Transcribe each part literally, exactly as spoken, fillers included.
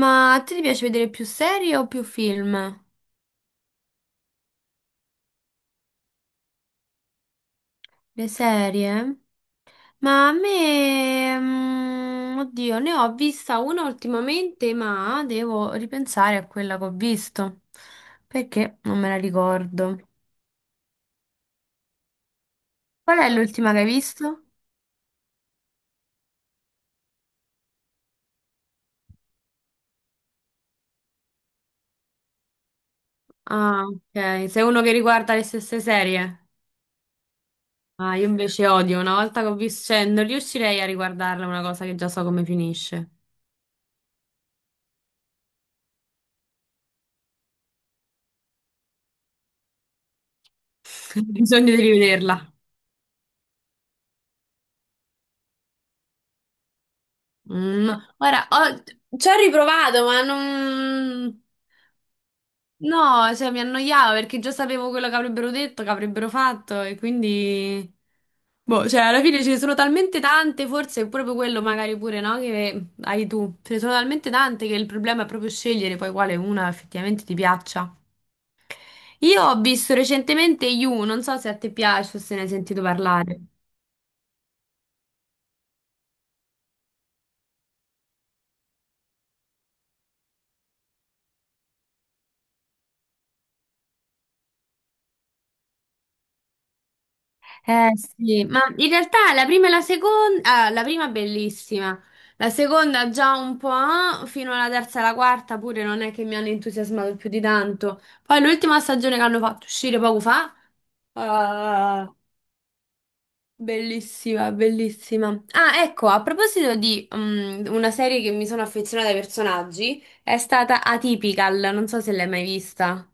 Ma a te ti piace vedere più serie o più film? Le serie? Ma a me, mm, oddio, ne ho vista una ultimamente, ma devo ripensare a quella che ho visto, perché non me la ricordo. Qual è l'ultima che hai visto? Ah, ok, sei uno che riguarda le stesse serie? Ah, io invece odio, una volta che ho visto, cioè, non riuscirei a riguardarla una cosa che già so come finisce. Ho bisogno di rivederla. Mm, ora, ho- ci ho riprovato, ma non... No, cioè, mi annoiavo perché già sapevo quello che avrebbero detto, che avrebbero fatto e quindi... Boh, cioè, alla fine ce ne sono talmente tante, forse è proprio quello magari pure, no? Che hai tu. Ce ne sono talmente tante che il problema è proprio scegliere poi quale una effettivamente ti piaccia. Io ho visto recentemente You, non so se a te piace o se ne hai sentito parlare. Eh sì, ma in realtà la prima e la seconda, ah, la prima è bellissima, la seconda già un po', ah, fino alla terza e alla quarta pure non è che mi hanno entusiasmato più di tanto. Poi l'ultima stagione che hanno fatto uscire poco fa, ah, bellissima, bellissima. Ah, ecco, a proposito di mm, una serie che mi sono affezionata ai personaggi, è stata Atypical, non so se l'hai mai vista.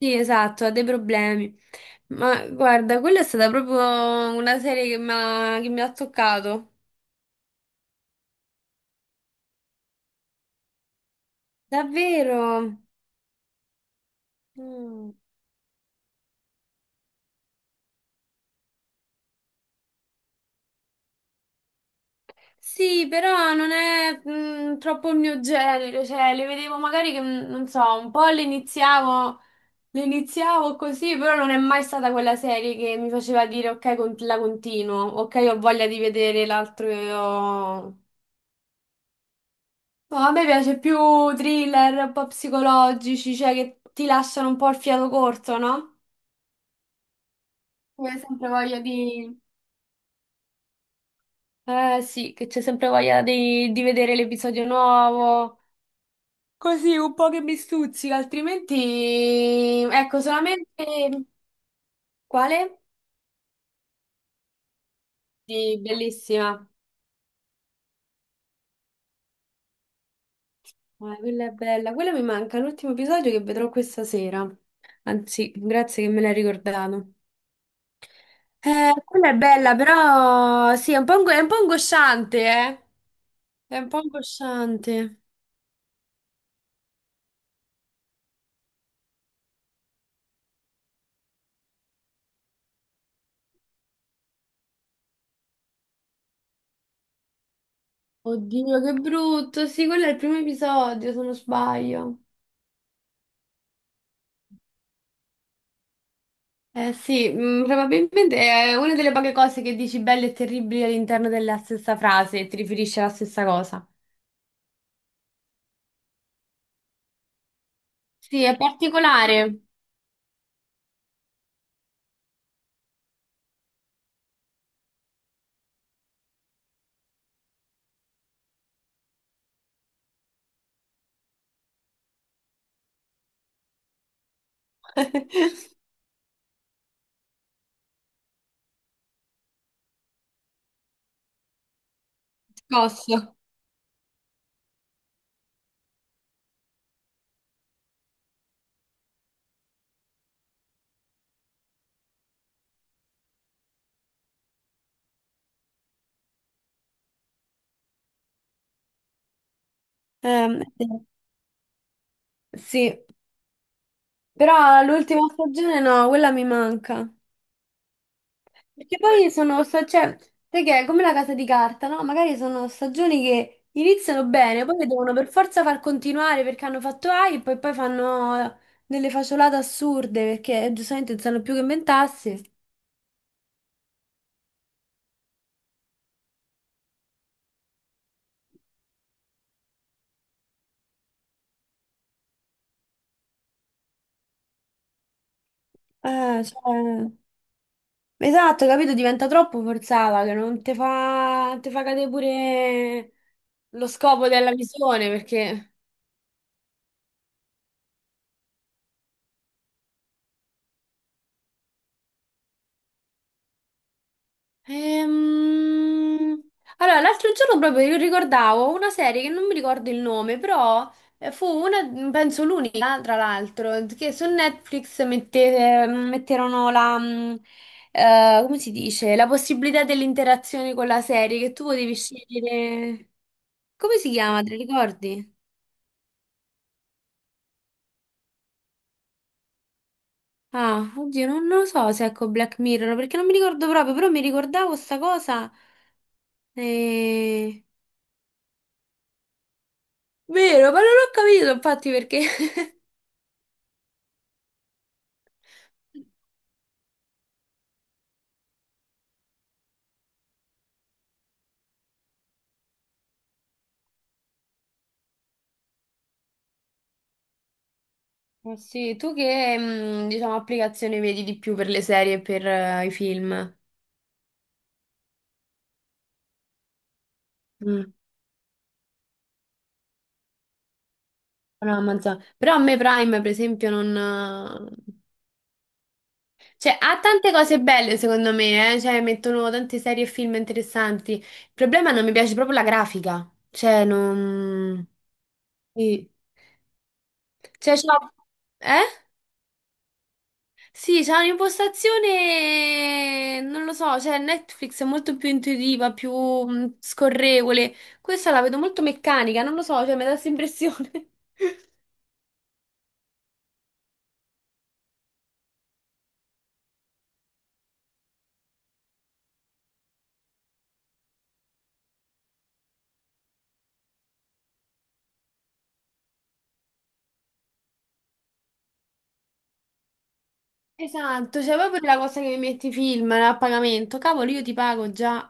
Sì, esatto, ha dei problemi. Ma guarda, quella è stata proprio una serie che mi ha, che mi ha toccato. Davvero? Mm. Sì, però non è mm, troppo il mio genere, cioè le vedevo magari che, mm, non so, un po' le iniziavo, le iniziavo così, però non è mai stata quella serie che mi faceva dire ok, con- la continuo, ok, ho voglia di vedere l'altro. No, a me piace più thriller un po' psicologici, cioè che ti lasciano un po' il fiato corto, no? C'è sempre voglia di... Eh sì, che c'è sempre voglia di, di vedere l'episodio nuovo, così un po' che mi stuzzica, altrimenti... Ecco, solamente... Quale? Sì, bellissima. Eh, quella è bella, quella mi manca, l'ultimo episodio che vedrò questa sera. Anzi, grazie che me l'hai ricordato. Eh, quella è bella, però sì, è un po', ingo- è un po' angosciante, eh. È un po' angosciante. Oddio, che brutto. Sì, quello è il primo episodio, se non sbaglio. Eh sì, mm, probabilmente è una delle poche cose che dici belle e terribili all'interno della stessa frase e ti riferisci alla stessa cosa. Sì, è particolare. Scosso. Ehm, sì, però l'ultima stagione no, quella mi manca. Perché poi sono, sta- cioè, sai che è come la casa di carta, no? Magari sono stagioni che iniziano bene, poi le devono per forza far continuare perché hanno fatto hype e poi fanno delle facciolate assurde perché eh, giustamente non sanno più che inventarsi. Eh, cioè, esatto, capito? Diventa troppo forzata che non ti fa, te fa cadere pure lo scopo della visione perché... Ehm, allora, l'altro giorno proprio io ricordavo una serie che non mi ricordo il nome, però eh, fu una, penso l'unica, tra l'altro, che su Netflix mette- ehm, metterono la, mm, eh, come si dice, la possibilità dell'interazione con la serie, che tu potevi scegliere... Come si chiama, te la ricordi? Ah, oddio, non, non lo so se ecco Black Mirror, perché non mi ricordo proprio, però mi ricordavo sta cosa. E... Vero, ma non l'ho capito infatti perché... Ma sì, tu che, mh, diciamo, applicazione vedi di più per le serie e per eh, i film? Mm, no, Amazon. Però a me Prime, per esempio, non... eh, cioè, ha tante cose belle, secondo me, eh? Cioè, mettono tante serie e film interessanti. Il problema è che non mi piace proprio la grafica. Cioè, non... Sì. Cioè, c'ho- Eh? Sì, c'è un'impostazione, non lo so, cioè Netflix è molto più intuitiva, più mh, scorrevole. Questa la vedo molto meccanica, non lo so, cioè mi dà questa impressione. Esatto, cioè proprio la cosa che mi metti i film no, a pagamento. Cavolo, io ti pago già.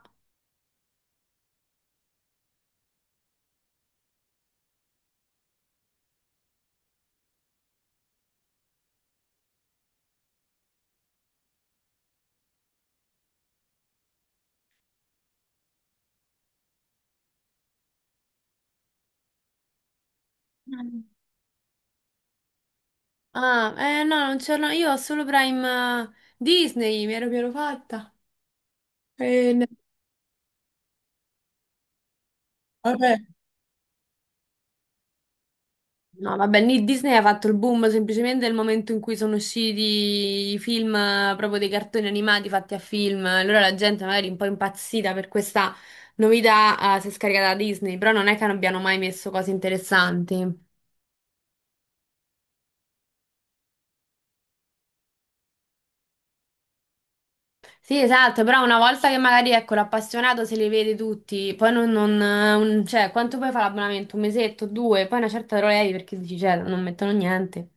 Mm. Ah, eh no, non ce l'ho, io ho solo Prime eh, Disney, mi ero, mi ero fatta. Eh, no. Vabbè. No, vabbè, Ni- Disney ha fatto il boom semplicemente nel momento in cui sono usciti i film, eh, proprio dei cartoni animati fatti a film. Allora la gente magari un po' impazzita per questa novità, eh, si è scaricata da Disney, però non è che non abbiano mai messo cose interessanti. Sì, esatto, però una volta che magari, ecco, l'appassionato se li vede tutti, poi non, non, eh, un- cioè, quanto puoi fare l'abbonamento? Un mesetto, due, poi una certa te lo levi perché dici, cioè, non mettono niente.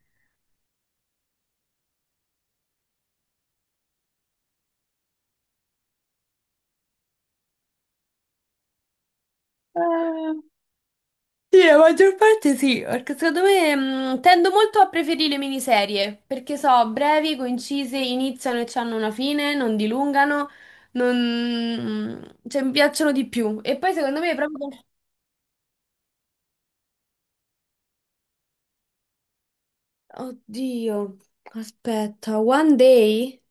Sì, la maggior parte sì, perché secondo me mh, tendo molto a preferire le miniserie, perché so, brevi, concise, iniziano e hanno una fine, non dilungano, non... cioè mi piacciono di più. E poi secondo me proprio... Oddio, aspetta, One Day?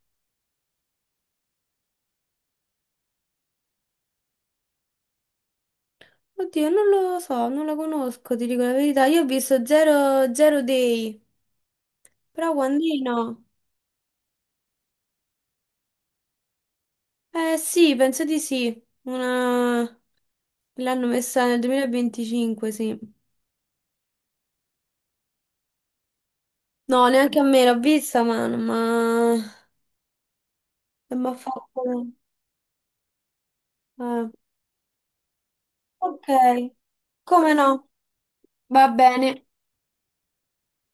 Oddio, non lo so, non la conosco, ti dico la verità. Io ho visto Zero, Zero Day, però One Day no. Eh sì, penso di sì. Una... L'hanno messa nel duemilaventicinque, sì. No, neanche a me l'ho vista, ma non m'ha non m'ha fatto... eh, ok, come no? Va bene.